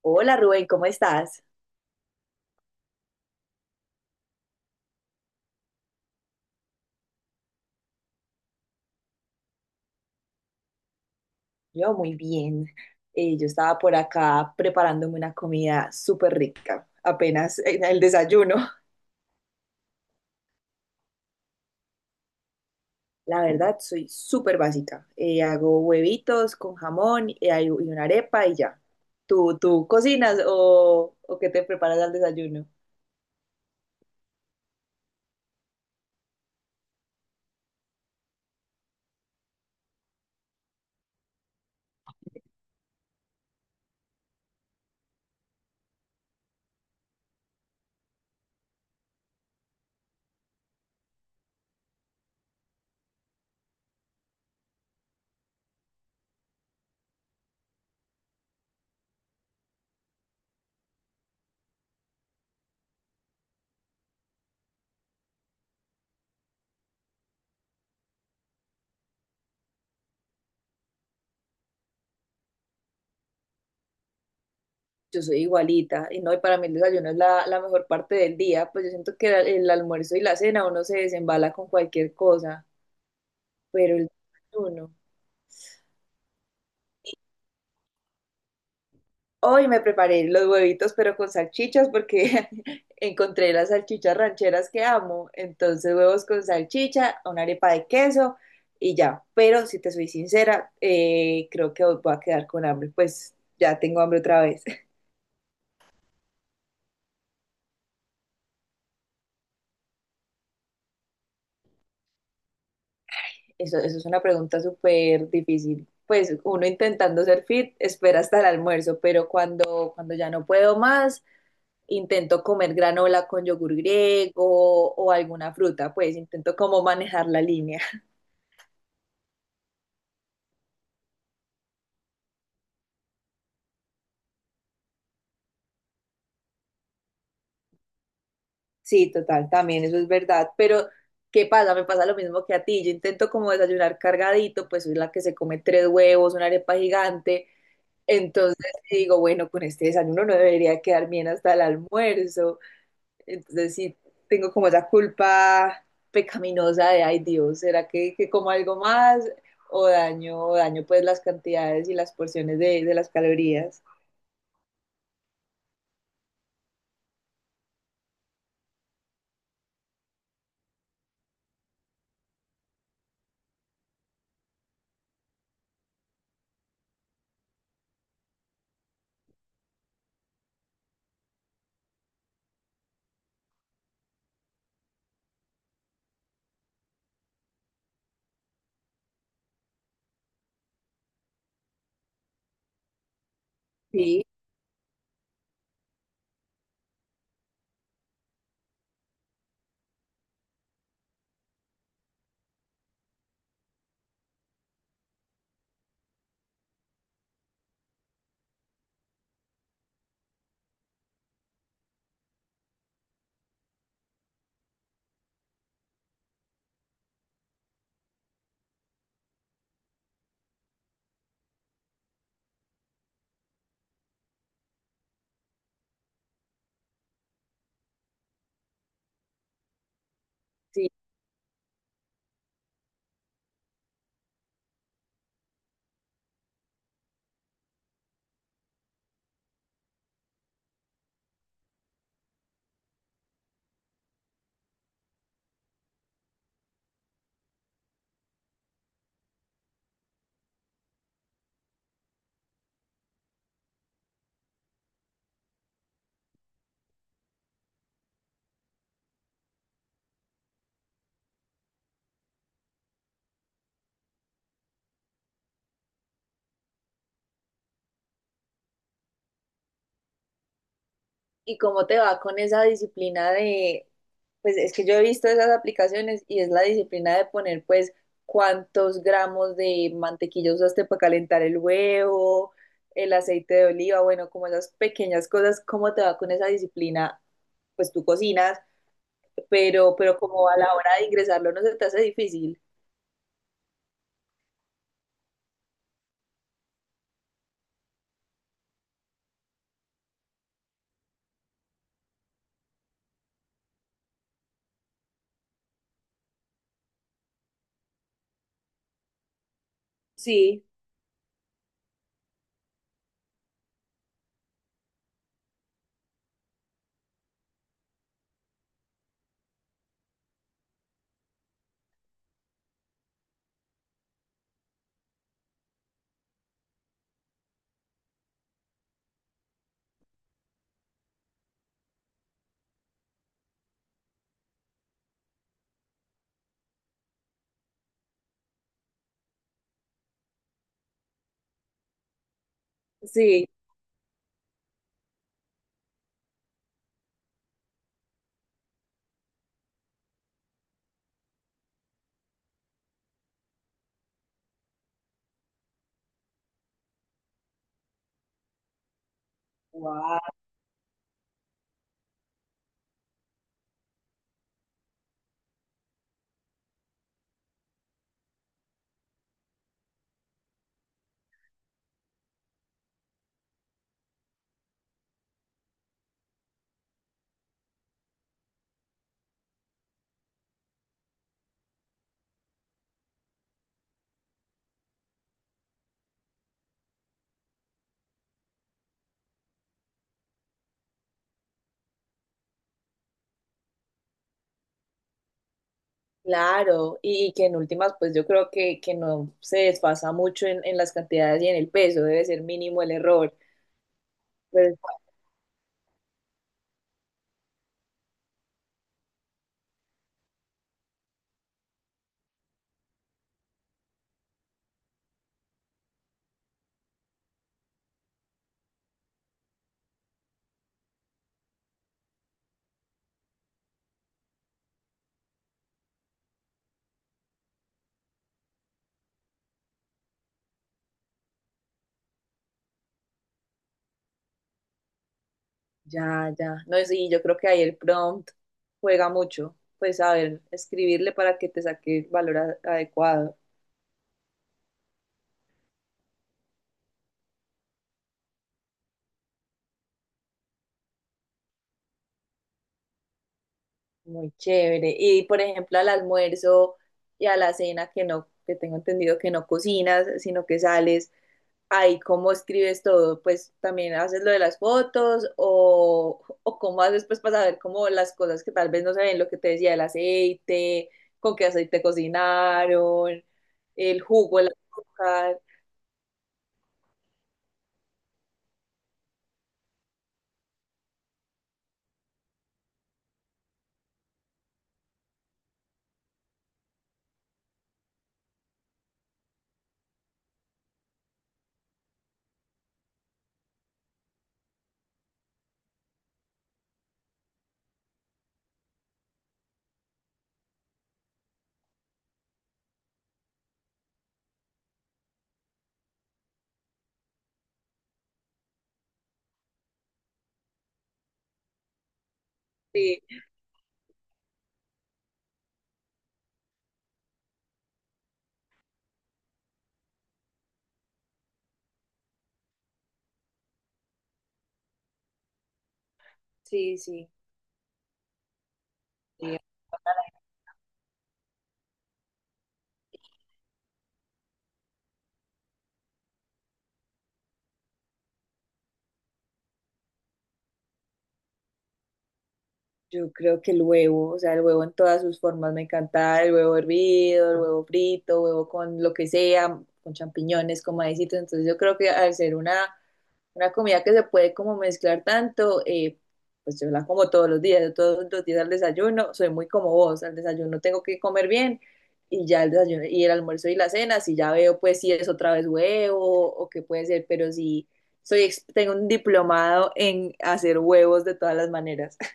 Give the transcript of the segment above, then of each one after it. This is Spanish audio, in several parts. Hola Rubén, ¿cómo estás? Yo muy bien. Yo estaba por acá preparándome una comida súper rica, apenas en el desayuno. La verdad, soy súper básica. Hago huevitos con jamón y una arepa y ya. ¿Tú cocinas o qué te preparas al desayuno? Yo soy igualita y no, y para mí el desayuno es la mejor parte del día, pues yo siento que el almuerzo y la cena uno se desembala con cualquier cosa, pero el desayuno. Hoy me preparé los huevitos, pero con salchichas, porque encontré las salchichas rancheras que amo. Entonces, huevos con salchicha, una arepa de queso y ya. Pero si te soy sincera, creo que hoy voy a quedar con hambre. Pues ya tengo hambre otra vez. Eso es una pregunta súper difícil. Pues uno intentando ser fit, espera hasta el almuerzo, pero cuando ya no puedo más, intento comer granola con yogur griego o alguna fruta, pues intento como manejar la línea. Sí, total, también eso es verdad. Pero, ¿qué pasa? Me pasa lo mismo que a ti. Yo intento como desayunar cargadito, pues soy la que se come tres huevos, una arepa gigante. Entonces digo, bueno, con este desayuno no debería quedar bien hasta el almuerzo. Entonces sí, tengo como esa culpa pecaminosa de, ay Dios, ¿será que, como algo más? O daño pues las cantidades y las porciones de las calorías. Sí, sí. ¿Y cómo te va con esa disciplina de, pues es que yo he visto esas aplicaciones y es la disciplina de poner pues cuántos gramos de mantequilla usaste para calentar el huevo, el aceite de oliva, bueno, como esas pequeñas cosas, ¿cómo te va con esa disciplina? Pues tú cocinas, pero como a la hora de ingresarlo no se te hace difícil. Sí, sí. Wow. Claro, y que en últimas, pues yo creo que no se desfasa mucho en las cantidades y en el peso, debe ser mínimo el error. Pero ya, ya, no, sí, yo creo que ahí el prompt juega mucho, pues a ver, escribirle para que te saque el valor adecuado. Muy chévere. Y por ejemplo, al almuerzo y a la cena que no, que tengo entendido que no cocinas, sino que sales, ay, ¿cómo escribes todo? Pues también haces lo de las fotos o cómo haces pues para saber cómo las cosas que tal vez no se ven, lo que te decía, el aceite, con qué aceite cocinaron, el jugo, el azúcar. Sí, sí, sí. Sí. Yo creo que el huevo, o sea, el huevo en todas sus formas me encanta, el huevo hervido, el huevo frito, huevo con lo que sea, con champiñones, con maicitos. Entonces yo creo que al ser una comida que se puede como mezclar tanto, pues yo la como todos los días, yo todos los días al desayuno, soy muy como vos, al desayuno tengo que comer bien y ya el desayuno y el almuerzo y la cena, si ya veo pues si es otra vez huevo o qué puede ser, pero si soy, tengo un diplomado en hacer huevos de todas las maneras.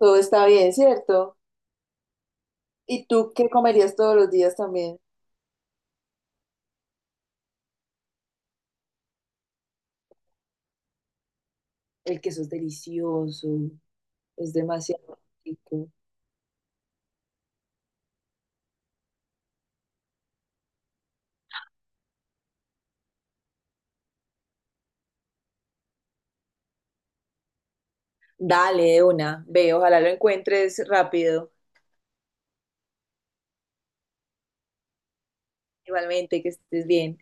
Todo está bien, ¿cierto? ¿Y tú qué comerías todos los días también? El queso es delicioso, es demasiado rico. Dale, de una, ve, ojalá lo encuentres rápido. Igualmente, que estés bien.